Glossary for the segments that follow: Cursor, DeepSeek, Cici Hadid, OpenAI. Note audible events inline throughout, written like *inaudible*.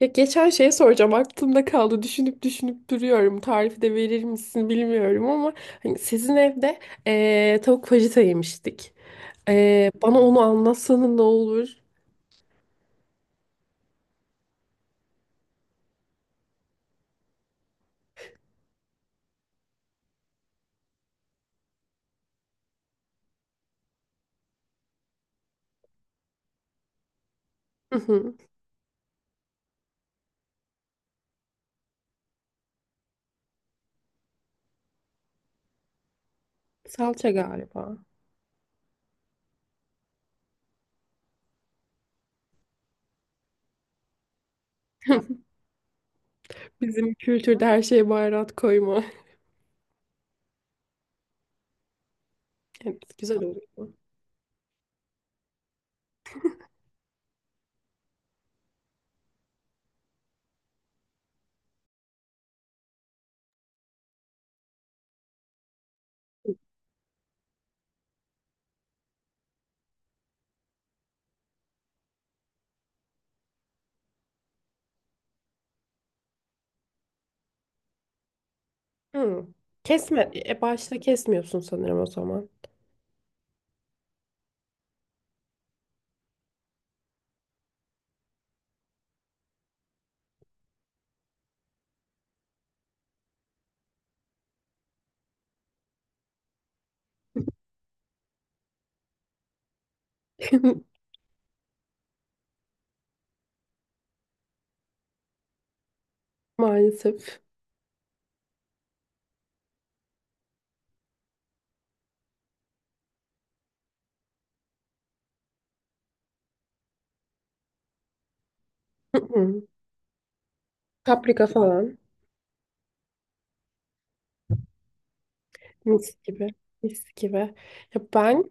Ya geçen şeye soracağım, aklımda kaldı, düşünüp düşünüp duruyorum, tarifi de verir misin bilmiyorum ama hani sizin evde tavuk fajita yemiştik. Bana onu anlatsanın ne olur? Hı hı. Salça galiba. *laughs* Bizim kültürde her şeye baharat koyma. *laughs* Evet, güzel oluyor. Hı. Kesme, başta kesmiyorsun sanırım o zaman. *laughs* Maalesef. Hı hı. Paprika falan. Mis gibi. Mis gibi. Ya ben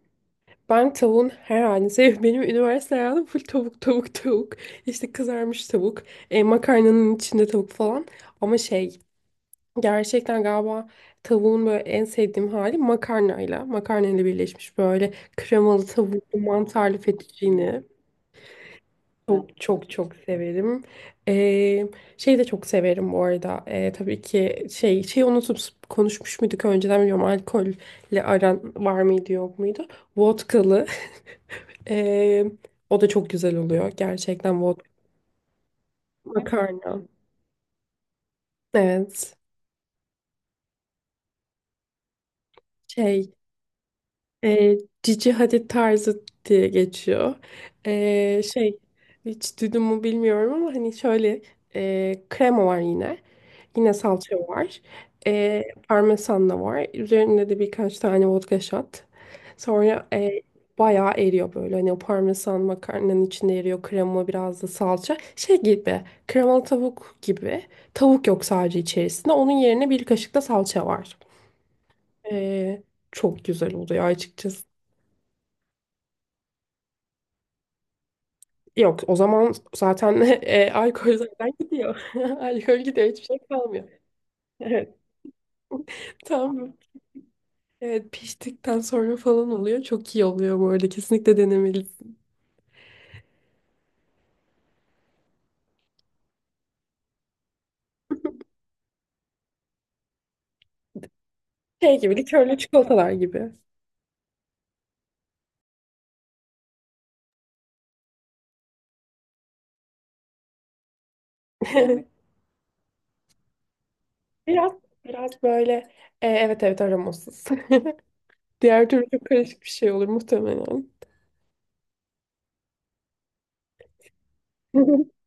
Ben tavuğun her halini seviyorum. Benim üniversite hayatım full tavuk. İşte kızarmış tavuk. Makarnanın içinde tavuk falan. Ama şey gerçekten galiba tavuğun böyle en sevdiğim hali makarnayla. Makarnayla birleşmiş böyle kremalı tavuklu mantarlı fettuccine. Çok çok severim. E, Şey de çok severim bu arada. E, tabii ki şey unutup konuşmuş muyduk önceden bilmiyorum, alkolle aran var mıydı yok muydu? Vodkalı ee, o da çok güzel oluyor. Gerçekten bu makarna. Evet. Şey, e, Cici Hadid tarzı diye geçiyor. Ee, şey, Hiç duydun mu bilmiyorum ama hani şöyle krema var yine. Yine salça var. Parmesan da var. Üzerinde de birkaç tane vodka shot. Sonra bayağı eriyor böyle. Hani o parmesan makarnanın içinde eriyor. Krema biraz da salça. Şey gibi. Kremalı tavuk gibi. Tavuk yok sadece içerisinde. Onun yerine bir kaşık da salça var. Ee, Çok güzel oluyor açıkçası. Yok, o zaman zaten *laughs* alkol zaten gidiyor. *laughs* Alkol gidiyor. Hiçbir şey kalmıyor. Evet. *laughs* Tamam. Evet, piştikten sonra falan oluyor. Çok iyi oluyor bu arada. Kesinlikle denemelisin. Şey gibi, likörlü çikolatalar gibi. *laughs* Biraz, biraz böyle evet evet aromasız. *laughs* Diğer türlü çok karışık bir şey olur muhtemelen. *laughs*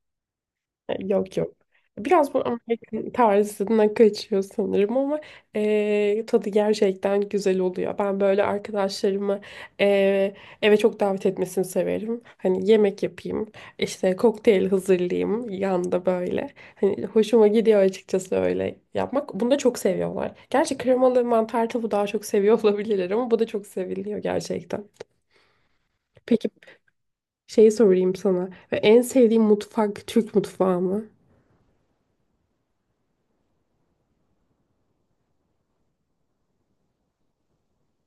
Yok yok. Biraz bu Amerikan tarzına kaçıyor sanırım ama tadı gerçekten güzel oluyor. Ben böyle arkadaşlarımı eee, eve çok davet etmesini severim. Hani yemek yapayım, işte kokteyl hazırlayayım yanında böyle. Hani hoşuma gidiyor açıkçası öyle yapmak. Bunu da çok seviyorlar. Gerçi kremalı mantar tavuğu daha çok seviyor *laughs* olabilirler ama bu da çok seviliyor gerçekten. Peki şeyi sorayım sana. En sevdiğin mutfak Türk mutfağı mı?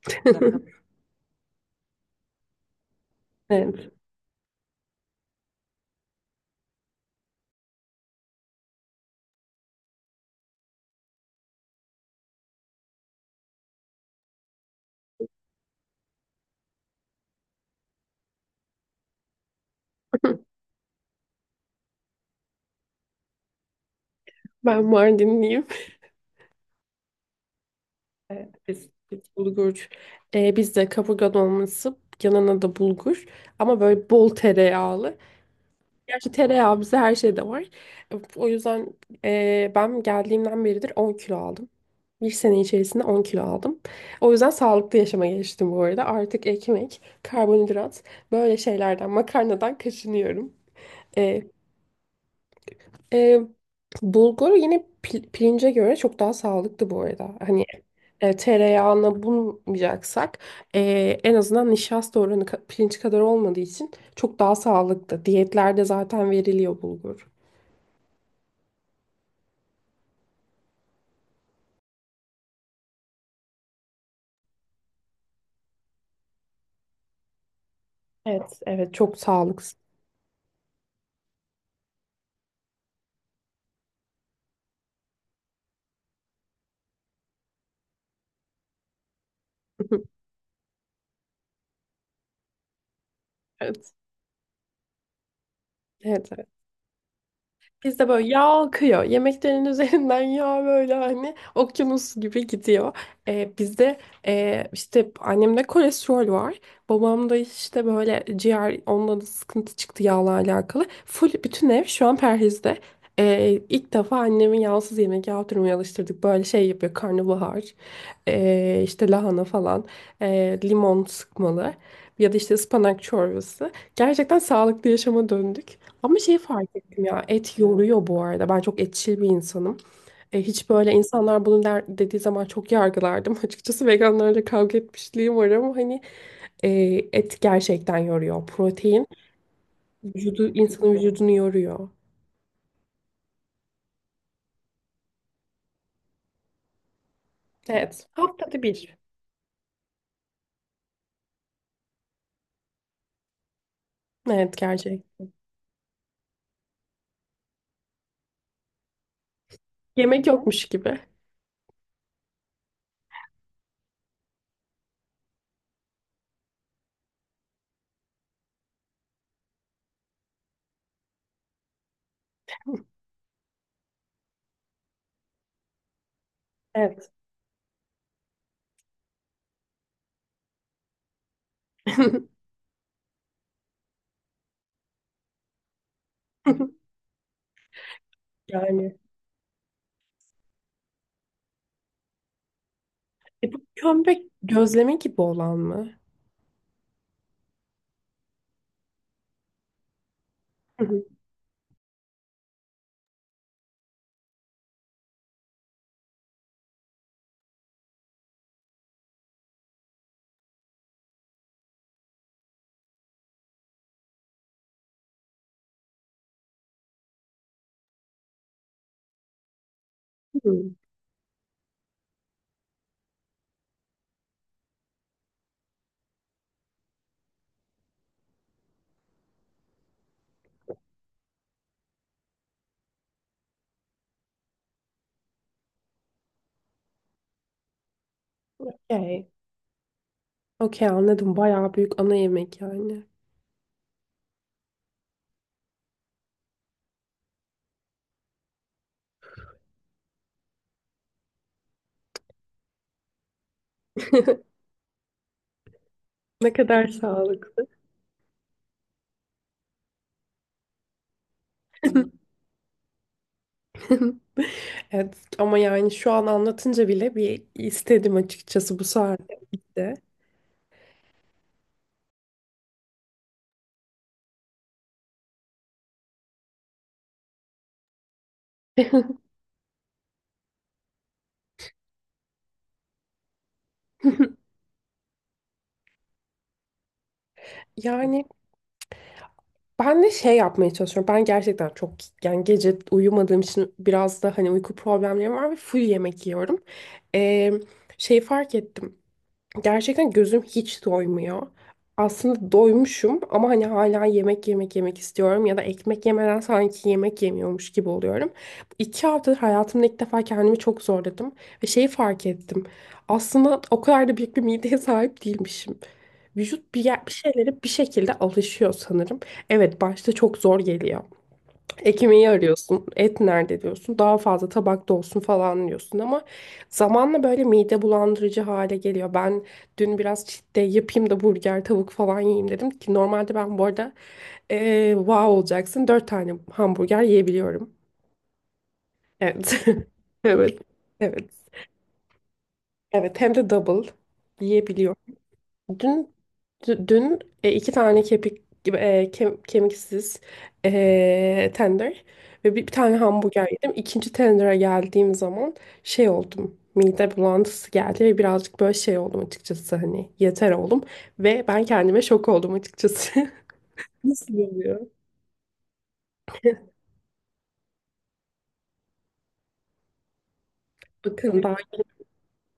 *laughs* Evet. *laughs* Hı. Ben Mardinliyim. Evet. Biz bulgur. Bizde kaburga dolması, yanına da bulgur. Ama böyle bol tereyağlı. Gerçi tereyağı bize her şeyde var. O yüzden ben geldiğimden beridir 10 kilo aldım. Bir sene içerisinde 10 kilo aldım. O yüzden sağlıklı yaşama geçtim bu arada. Artık ekmek, karbonhidrat, böyle şeylerden, makarnadan kaçınıyorum. Ee, Ee, Bulgur yine pirince göre çok daha sağlıklı bu arada. Hani tereyağına bulmayacaksak e, en azından nişasta oranı pirinç kadar olmadığı için çok daha sağlıklı. Diyetlerde zaten veriliyor bulgur. Evet, evet çok sağlıklı. *laughs* Evet, evet. Bizde böyle yağ akıyor. Yemeklerin üzerinden *laughs* yağ, böyle hani okyanus gibi gidiyor. Bizde işte annemde kolesterol var. Babamda işte böyle ciğer, onunla da sıkıntı çıktı yağla alakalı. Full bütün ev şu an perhizde. İlk defa annemi yağsız yemek yaptırmaya alıştırdık. Böyle şey yapıyor: karnabahar, işte lahana falan, limon sıkmalı ya da işte ıspanak çorbası. Gerçekten sağlıklı yaşama döndük. Ama şey fark ettim ya, et yoruyor bu arada. Ben çok etçil bir insanım. Hiç böyle insanlar bunu dediği zaman çok yargılardım. *laughs* Açıkçası veganlarla kavga etmişliğim var ama hani e, et gerçekten yoruyor. Protein insanın vücudunu yoruyor. Evet. Haftada bir. Evet, gerçek. Yemek yokmuş gibi. Evet. *laughs* Yani. Bu kömbek gözleme gibi olan mı? Hı hı. Hmm. Okey. Okey, anladım. Bayağı büyük ana yemek yani. *laughs* Ne kadar sağlık. *laughs* Evet, ama yani şu an anlatınca bile bir istedim açıkçası bu saatte. De. *laughs* Yani ben de şey yapmaya çalışıyorum. Ben gerçekten çok, yani gece uyumadığım için biraz da hani uyku problemlerim var ve full yemek yiyorum. Ee, Şey fark ettim. Gerçekten gözüm hiç doymuyor. Aslında doymuşum ama hani hala yemek yemek istiyorum ya da ekmek yemeden sanki yemek yemiyormuş gibi oluyorum. İki haftadır hayatımda ilk defa kendimi çok zorladım ve şeyi fark ettim. Aslında o kadar da büyük bir mideye sahip değilmişim. Vücut bir şeylere bir şekilde alışıyor sanırım. Evet, başta çok zor geliyor. Ekmeği arıyorsun, et nerede diyorsun, daha fazla tabakta olsun falan diyorsun ama zamanla böyle mide bulandırıcı hale geliyor. Ben dün biraz cheat day yapayım da burger, tavuk falan yiyeyim dedim ki normalde ben bu arada wow olacaksın, dört tane hamburger yiyebiliyorum. Evet, *laughs* evet, evet, evet, hem de double yiyebiliyorum. Dün Dün iki tane kepik gibi, kemiksiz, tender ve bir tane hamburger yedim. İkinci tender'a geldiğim zaman şey oldum. Mide bulantısı geldi ve birazcık böyle şey oldum açıkçası, hani yeter oldum ve ben kendime şok oldum açıkçası. *laughs* Nasıl oluyor? Bakın, daha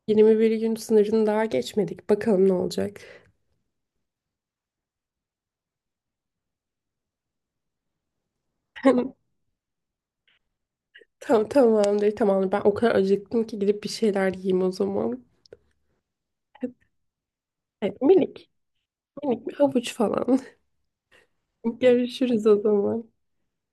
21 gün sınırını daha geçmedik. Bakalım ne olacak. *laughs* Tamam, tamamdır. Ben o kadar acıktım ki gidip bir şeyler yiyeyim o zaman. Evet, minik bir havuç falan. *laughs* Görüşürüz o zaman.